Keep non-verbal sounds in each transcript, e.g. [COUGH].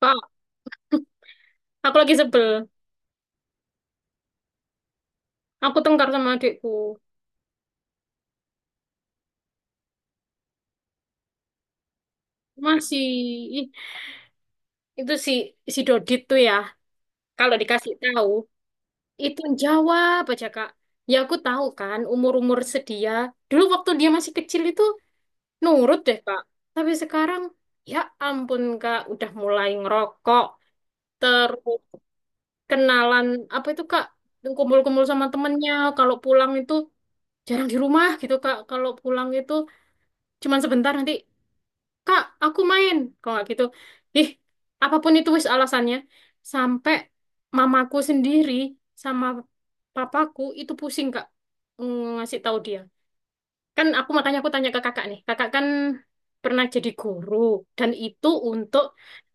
Kak, aku lagi sebel. Aku tengkar sama adikku. Masih. Ih, itu si si Dodit tuh ya. Kalau dikasih tahu, itu jawab aja, Kak. Ya aku tahu kan umur-umur sedia. Dulu waktu dia masih kecil itu nurut deh, Kak. Tapi sekarang ya ampun, Kak, udah mulai ngerokok, terus kenalan apa itu, Kak? Kumpul-kumpul sama temennya. Kalau pulang itu jarang di rumah gitu, Kak. Kalau pulang itu cuman sebentar, nanti, Kak, aku main. Kalau nggak gitu, ih, apapun itu wis alasannya. Sampai mamaku sendiri sama papaku itu pusing, Kak, ngasih tahu dia. Kan aku, makanya aku tanya ke kakak nih. Kakak kan pernah jadi guru dan itu untuk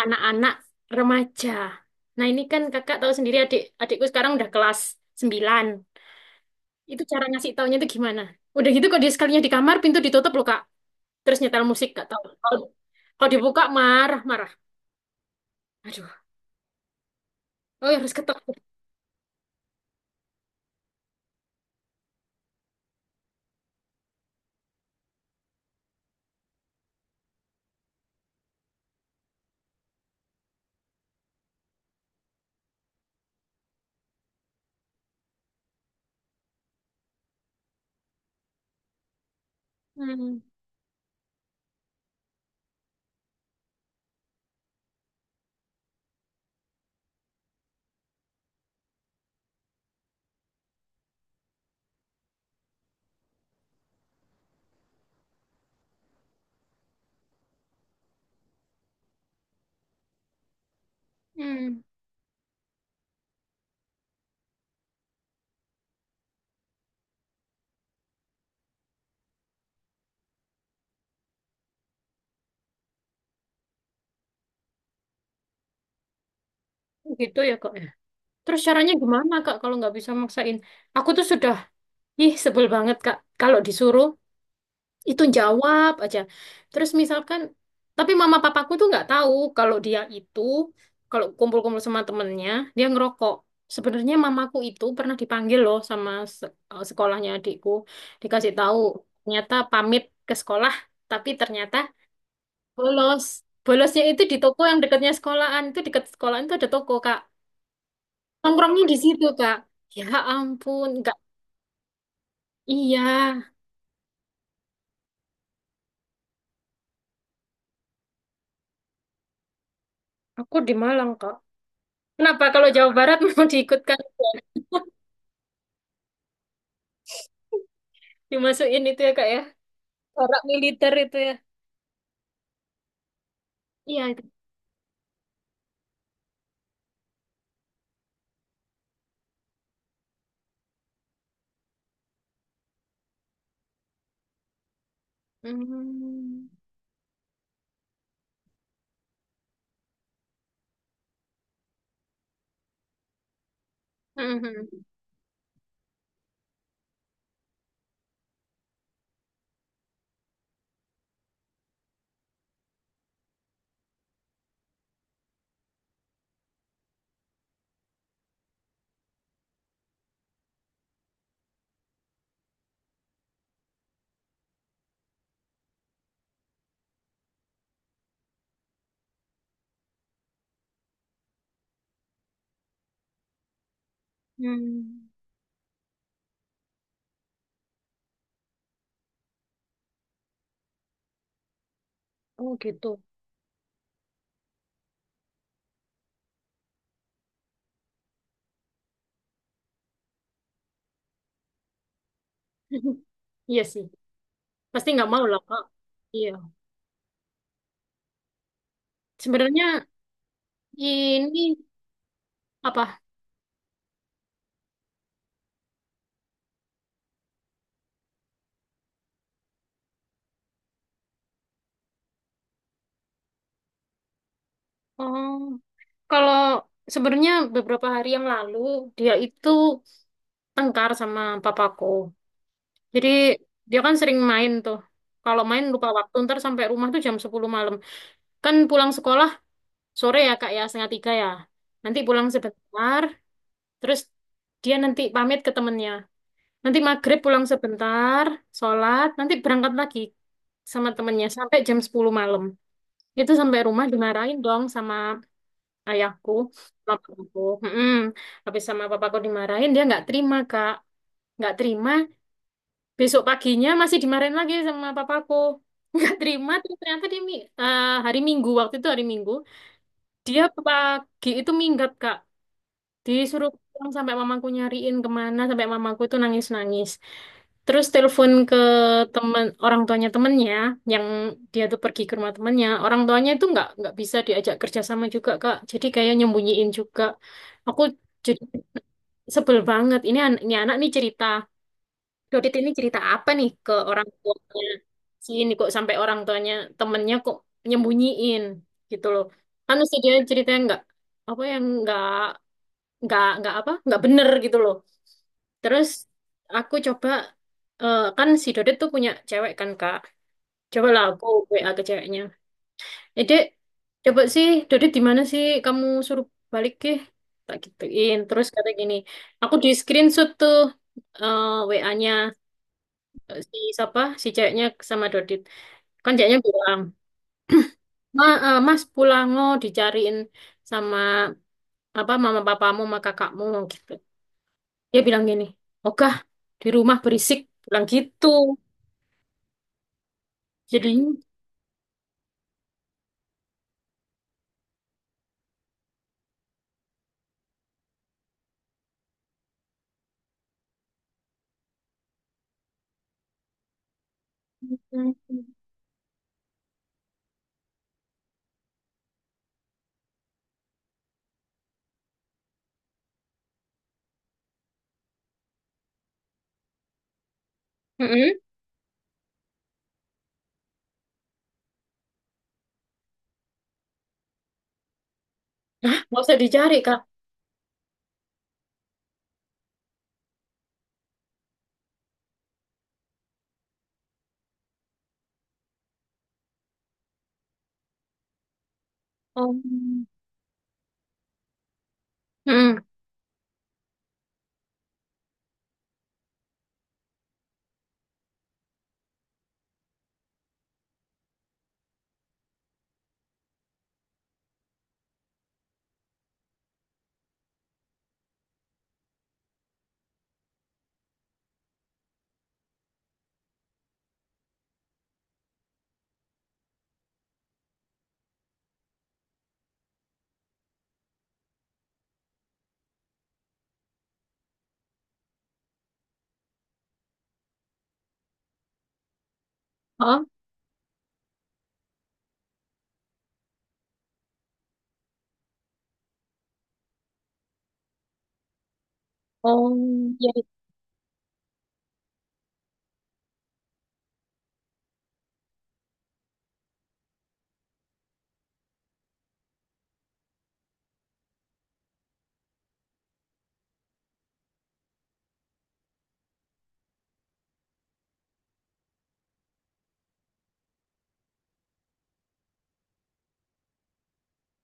anak-anak remaja. Nah, ini kan kakak tahu sendiri adik adikku sekarang udah kelas 9. Itu cara ngasih taunya itu gimana? Udah gitu kok dia sekalinya di kamar, pintu ditutup loh, Kak. Terus nyetel musik gak tahu. Kalau kalau dibuka marah-marah. Aduh, oh ya harus ketok. Hmm. Hmm. Gitu ya kok ya. Terus caranya gimana kak kalau nggak bisa maksain? Aku tuh sudah, ih, sebel banget kak. Kalau disuruh itu jawab aja. Terus misalkan, tapi mama papaku tuh nggak tahu kalau dia itu kalau kumpul-kumpul sama temennya dia ngerokok. Sebenarnya mamaku itu pernah dipanggil loh sama sekolahnya adikku. Dikasih tahu, ternyata pamit ke sekolah, tapi ternyata bolos. Bolosnya itu di toko yang dekatnya sekolahan. Itu dekat sekolahan itu ada toko, Kak. Nongkrongnya di situ, Kak. Ya ampun, enggak. Iya, aku di Malang, Kak. Kenapa kalau Jawa Barat [LAUGHS] mau diikutkan, dimasukin itu ya, Kak ya? Corak militer itu ya. Iya, itu. Hmm. Mhm. Hmm. Oh, gitu. [LAUGHS] Iya sih. Pasti nggak mau lah, Kak. Iya. Sebenarnya ini apa? Oh, kalau sebenarnya beberapa hari yang lalu dia itu tengkar sama papaku. Jadi dia kan sering main tuh. Kalau main lupa waktu, ntar sampai rumah tuh jam 10 malam. Kan pulang sekolah sore ya kak ya, setengah tiga ya. Nanti pulang sebentar, terus dia nanti pamit ke temennya. Nanti maghrib pulang sebentar, sholat, nanti berangkat lagi sama temennya sampai jam 10 malam. Itu sampai rumah dimarahin dong sama ayahku, papaku. Mm-mm. Habis sama papaku dimarahin, dia nggak terima, Kak. Nggak terima, besok paginya masih dimarahin lagi sama papaku. [LAUGHS] Nggak terima, terus ternyata hari Minggu, waktu itu hari Minggu, dia pagi itu minggat, Kak. Disuruh pulang sampai mamaku nyariin kemana, sampai mamaku itu nangis-nangis. Terus telepon ke temen orang tuanya temennya, yang dia tuh pergi ke rumah temennya. Orang tuanya itu nggak bisa diajak kerjasama juga Kak. Jadi kayak nyembunyiin juga. Aku jadi sebel banget. Ini anak nih cerita. Dodit ini cerita apa nih ke orang tuanya? Si ini kok sampai orang tuanya temennya kok nyembunyiin gitu loh. Kan mesti dia ceritanya nggak apa yang nggak apa, nggak bener gitu loh. Terus aku coba, eh, kan si Dodet tuh punya cewek kan kak, cobalah aku WA ke ceweknya, eh Dek, coba sih Dodet di mana sih, kamu suruh balik, ke tak gituin, terus kata gini, aku di screenshot tuh WA-nya si siapa si ceweknya sama Dodit. Kan ceweknya bilang, Mas pulang, oh dicariin sama apa mama papamu sama kakakmu gitu. Dia bilang gini, Ogah, di rumah berisik. Bilang gitu. Jadi, mm-mm. Hah, nggak usah dicari, Kak. Oh, mm-mm. Hah? Oh, iya.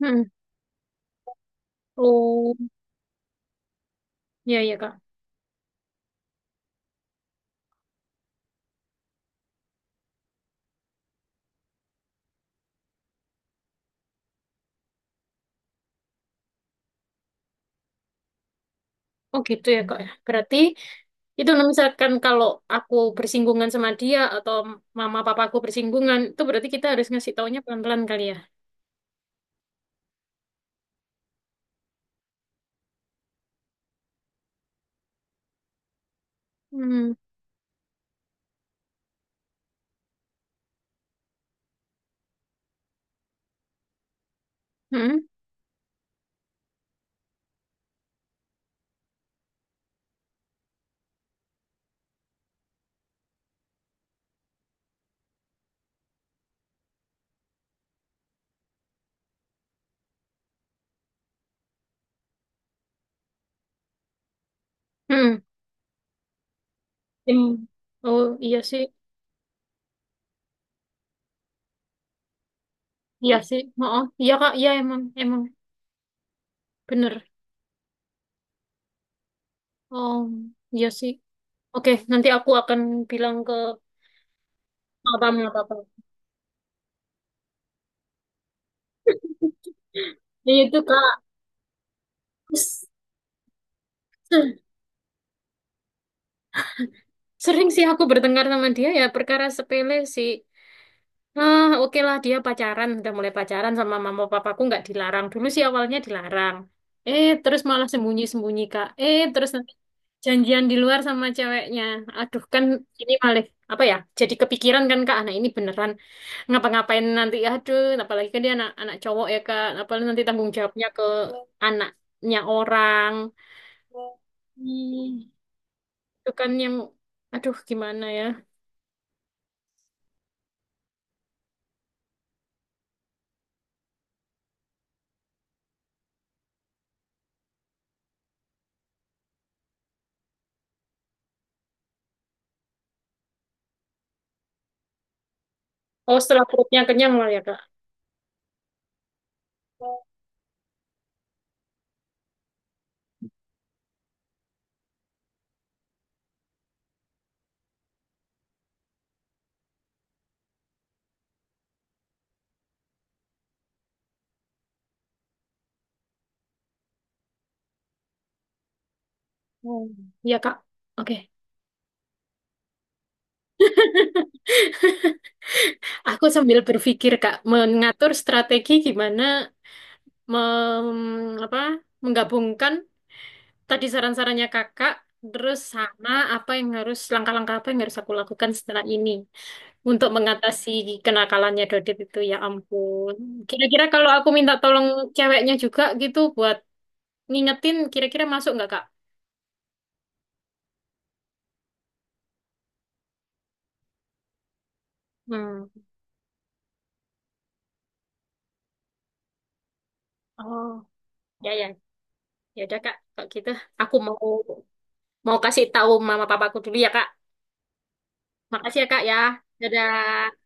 Mm-mm. Oh, iya, iya, Kak. Oh, gitu ya, Kak. Ya. Berarti itu misalkan kalau aku bersinggungan sama dia atau mama papaku bersinggungan, itu berarti kita harus ngasih taunya pelan-pelan kali ya. Hmm. Hmm. Hmm. Em- Oh, iya sih. Iya sih. Oh, oh, iya, Kak. Iya, emang. Emang. Bener. Oh, iya sih. Oke, nanti aku akan bilang ke papamu apa apa. Ya ya itu Kak, S- sering sih aku bertengkar sama dia ya perkara sepele sih. Ah, oke lah dia pacaran, udah mulai pacaran sama mama papaku nggak dilarang. Dulu sih awalnya dilarang. Eh, terus malah sembunyi-sembunyi Kak. Eh, terus nanti janjian di luar sama ceweknya. Aduh, kan ini malah apa ya? Jadi kepikiran kan Kak, anak ini beneran ngapa-ngapain nanti, aduh, apalagi kan dia anak anak cowok ya kak, apalagi nanti tanggung jawabnya ke anaknya orang. Ih, itu kan yang, aduh, gimana ya. Oh, setelah perutnya kenyang lah ya kak. Hmm. Ya kak, oke. Aku sambil berpikir kak, mengatur strategi gimana mem- apa menggabungkan tadi saran-sarannya kakak, terus sama apa yang harus langkah-langkah apa yang harus aku lakukan setelah ini untuk mengatasi kenakalannya Dodit itu ya ampun. Kira-kira kalau aku minta tolong ceweknya juga gitu buat ngingetin, kira-kira masuk nggak Kak? Hmm. Oh, ya ya. Ya udah Kak, kalau gitu aku mau mau kasih tahu mama papaku dulu ya Kak. Makasih ya Kak ya. Dadah.